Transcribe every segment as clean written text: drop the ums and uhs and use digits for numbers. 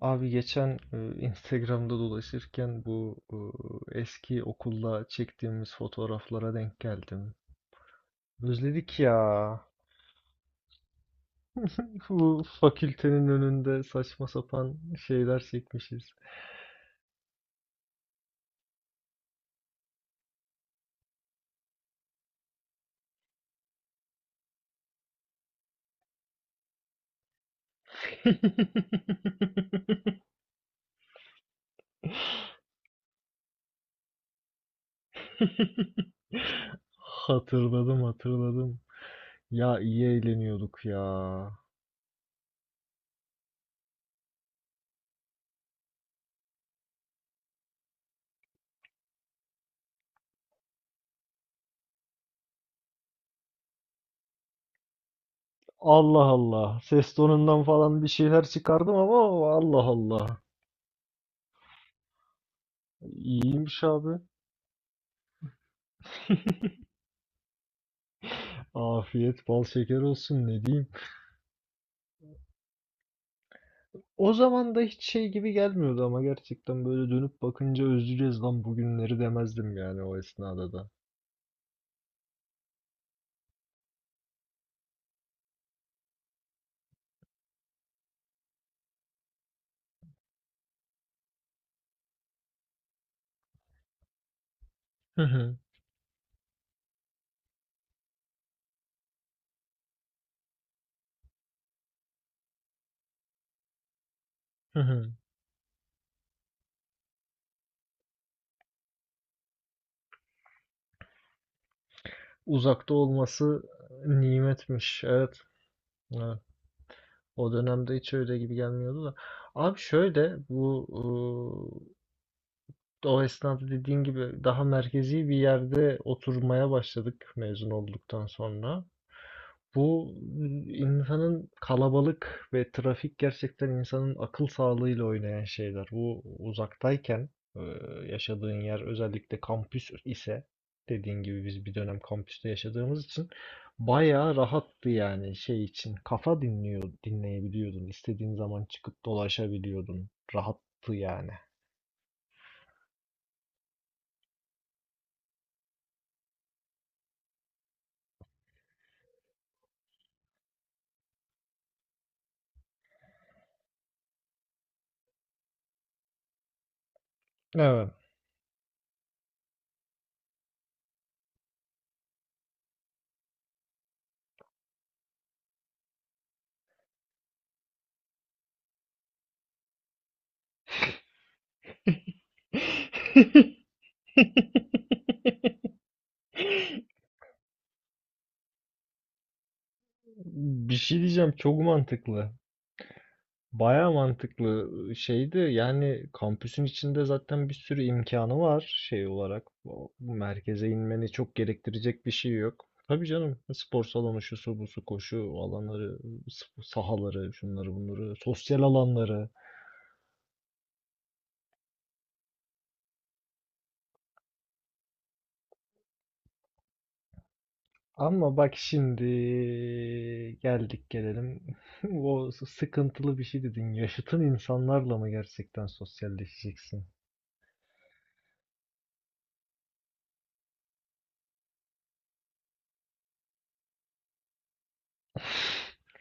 Abi geçen Instagram'da dolaşırken eski okulda çektiğimiz fotoğraflara denk geldim. Özledik ya. Bu fakültenin önünde saçma sapan şeyler çekmişiz. Hatırladım, hatırladım. Ya iyi eğleniyorduk ya. Allah Allah. Ses tonundan falan bir şeyler çıkardım ama Allah Allah. İyiymiş abi. Afiyet bal şeker olsun, ne diyeyim. O zaman da hiç şey gibi gelmiyordu ama gerçekten böyle dönüp bakınca özleyeceğiz lan bugünleri demezdim yani o esnada da. Hı hı, hı hı. Uzakta olması nimetmiş. Evet. Evet. O dönemde hiç öyle gibi gelmiyordu da. Abi şöyle bu o esnada dediğin gibi daha merkezi bir yerde oturmaya başladık mezun olduktan sonra. Bu insanın kalabalık ve trafik gerçekten insanın akıl sağlığıyla oynayan şeyler. Bu uzaktayken e, yaşadığın yer özellikle kampüs ise dediğin gibi biz bir dönem kampüste yaşadığımız için bayağı rahattı yani şey için kafa dinleyebiliyordun. İstediğin zaman çıkıp dolaşabiliyordun. Rahattı yani. Evet. Bir şey diyeceğim, çok mantıklı. Baya mantıklı şeydi, yani kampüsün içinde zaten bir sürü imkanı var şey olarak. Bu merkeze inmeni çok gerektirecek bir şey yok. Tabii canım, spor salonu, şusu busu, koşu alanları, sahaları, şunları bunları, sosyal alanları. Ama bak şimdi gelelim, o sıkıntılı bir şey dedin, yaşıtın insanlarla mı gerçekten sosyalleşeceksin?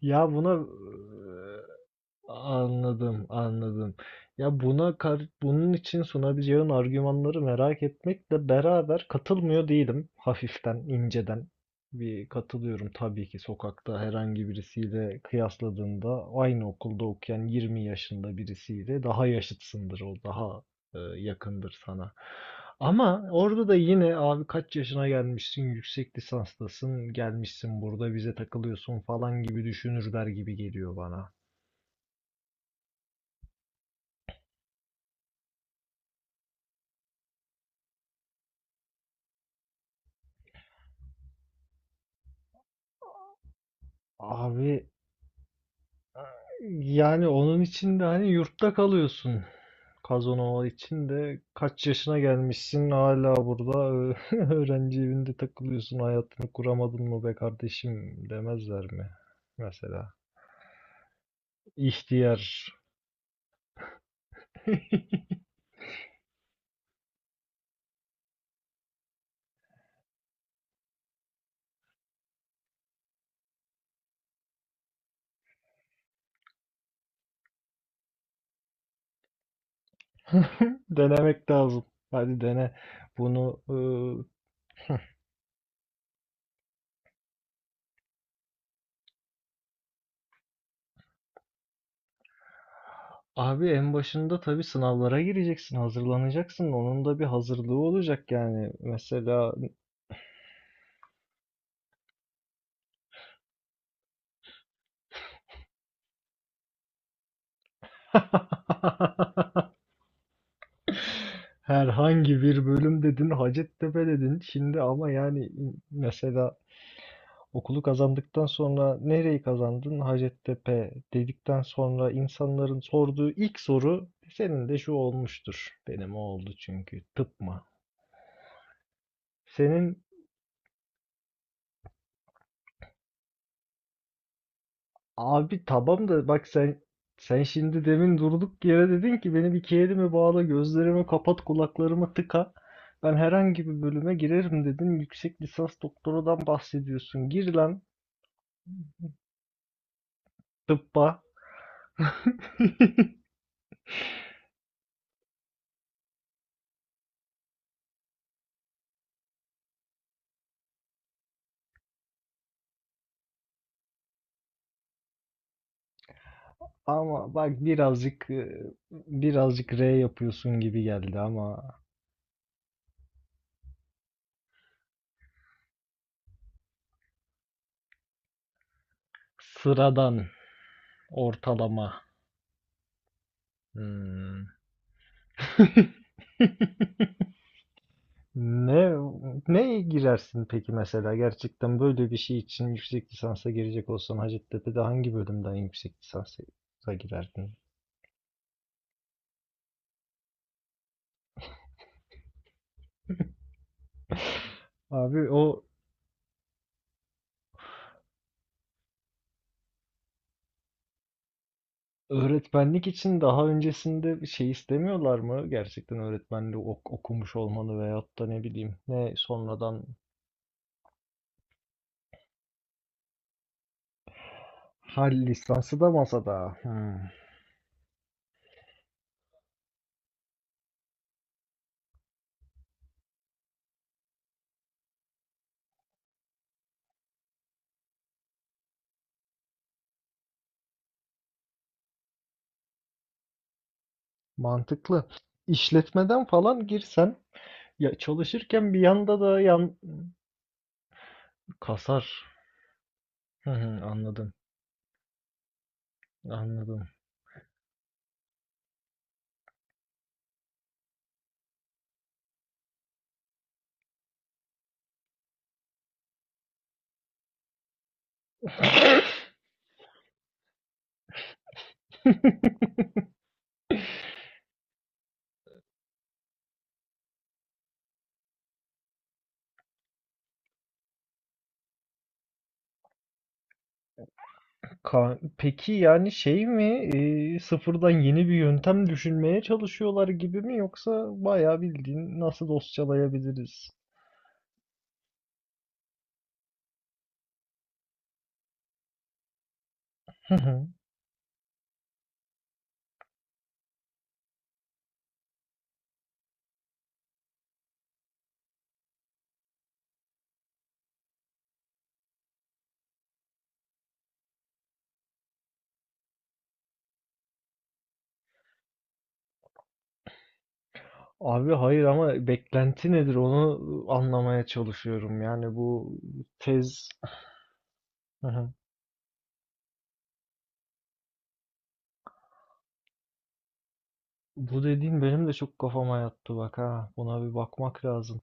Ya bunu Anladım, anladım. Ya bunun için sunabileceğin argümanları merak etmekle beraber katılmıyor değilim. Hafiften, inceden bir katılıyorum tabii ki, sokakta herhangi birisiyle kıyasladığında aynı okulda okuyan 20 yaşında birisiyle daha yaşıtsındır o, daha yakındır sana. Ama orada da yine abi kaç yaşına gelmişsin, yüksek lisanstasın, gelmişsin burada bize takılıyorsun falan gibi düşünürler gibi geliyor bana. Abi yani onun için de hani yurtta kalıyorsun. Kazanova için de kaç yaşına gelmişsin hala burada öğrenci evinde takılıyorsun, hayatını kuramadın mı be kardeşim demezler mi mesela, ihtiyar. Denemek lazım, hadi dene bunu e, abi. En başında tabii sınavlara gireceksin, hazırlanacaksın, onun da bir hazırlığı olacak yani mesela. Herhangi bir bölüm dedin, Hacettepe dedin. Şimdi ama yani mesela okulu kazandıktan sonra nereyi kazandın? Hacettepe dedikten sonra insanların sorduğu ilk soru senin de şu olmuştur. Benim o oldu: çünkü tıp mı? Senin Abi tamam da bak, sen şimdi demin durduk yere dedin ki beni iki elime bağla, gözlerimi kapat, kulaklarımı tıka. Ben herhangi bir bölüme girerim dedin. Yüksek lisans doktoradan bahsediyorsun. Gir lan. Tıbba. Ama bak birazcık birazcık R yapıyorsun gibi geldi ama. Sıradan, ortalama. Hmm. Ne Neye girersin peki mesela, gerçekten böyle bir şey için yüksek lisansa girecek olsan Hacettepe'de hangi bölümden yüksek lisansa girerdin? Abi o. Öğretmenlik için daha öncesinde bir şey istemiyorlar mı? Gerçekten öğretmenliği okumuş olmalı, veyahut da ne bileyim ne sonradan hal lisansı da masada. Hmm, mantıklı. İşletmeden falan girsen, ya çalışırken bir yanda da yan kasar. Hı hı, anladım. Anladım. Peki yani şey mi, sıfırdan yeni bir yöntem düşünmeye çalışıyorlar gibi mi, yoksa bayağı bildiğin nasıl dosyalayabiliriz? Abi hayır ama beklenti nedir onu anlamaya çalışıyorum. Yani bu tez. Hı hı. Bu dediğin benim de çok kafama yattı bak ha. Buna bir bakmak lazım.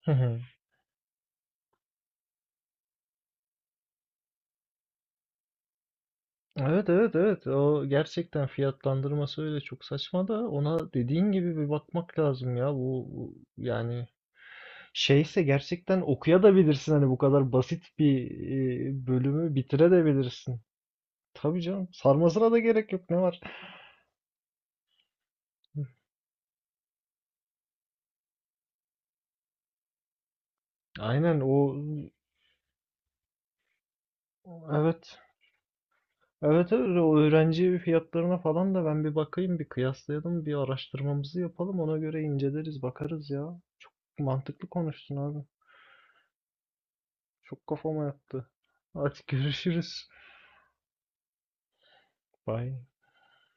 Hı hı. Evet, evet, evet, o gerçekten fiyatlandırması öyle çok saçma da, ona dediğin gibi bir bakmak lazım ya. Bu yani şeyse gerçekten okuyabilirsin hani, bu kadar basit bir bölümü bitirebilirsin. Tabii canım, sarmasına da gerek yok, ne var. Aynen o, Evet, evet evet, o öğrenci fiyatlarına falan da ben bir bakayım, bir kıyaslayalım, bir araştırmamızı yapalım, ona göre inceleriz bakarız ya. Çok mantıklı konuştun abi. Çok kafama yattı. Hadi görüşürüz. Bye.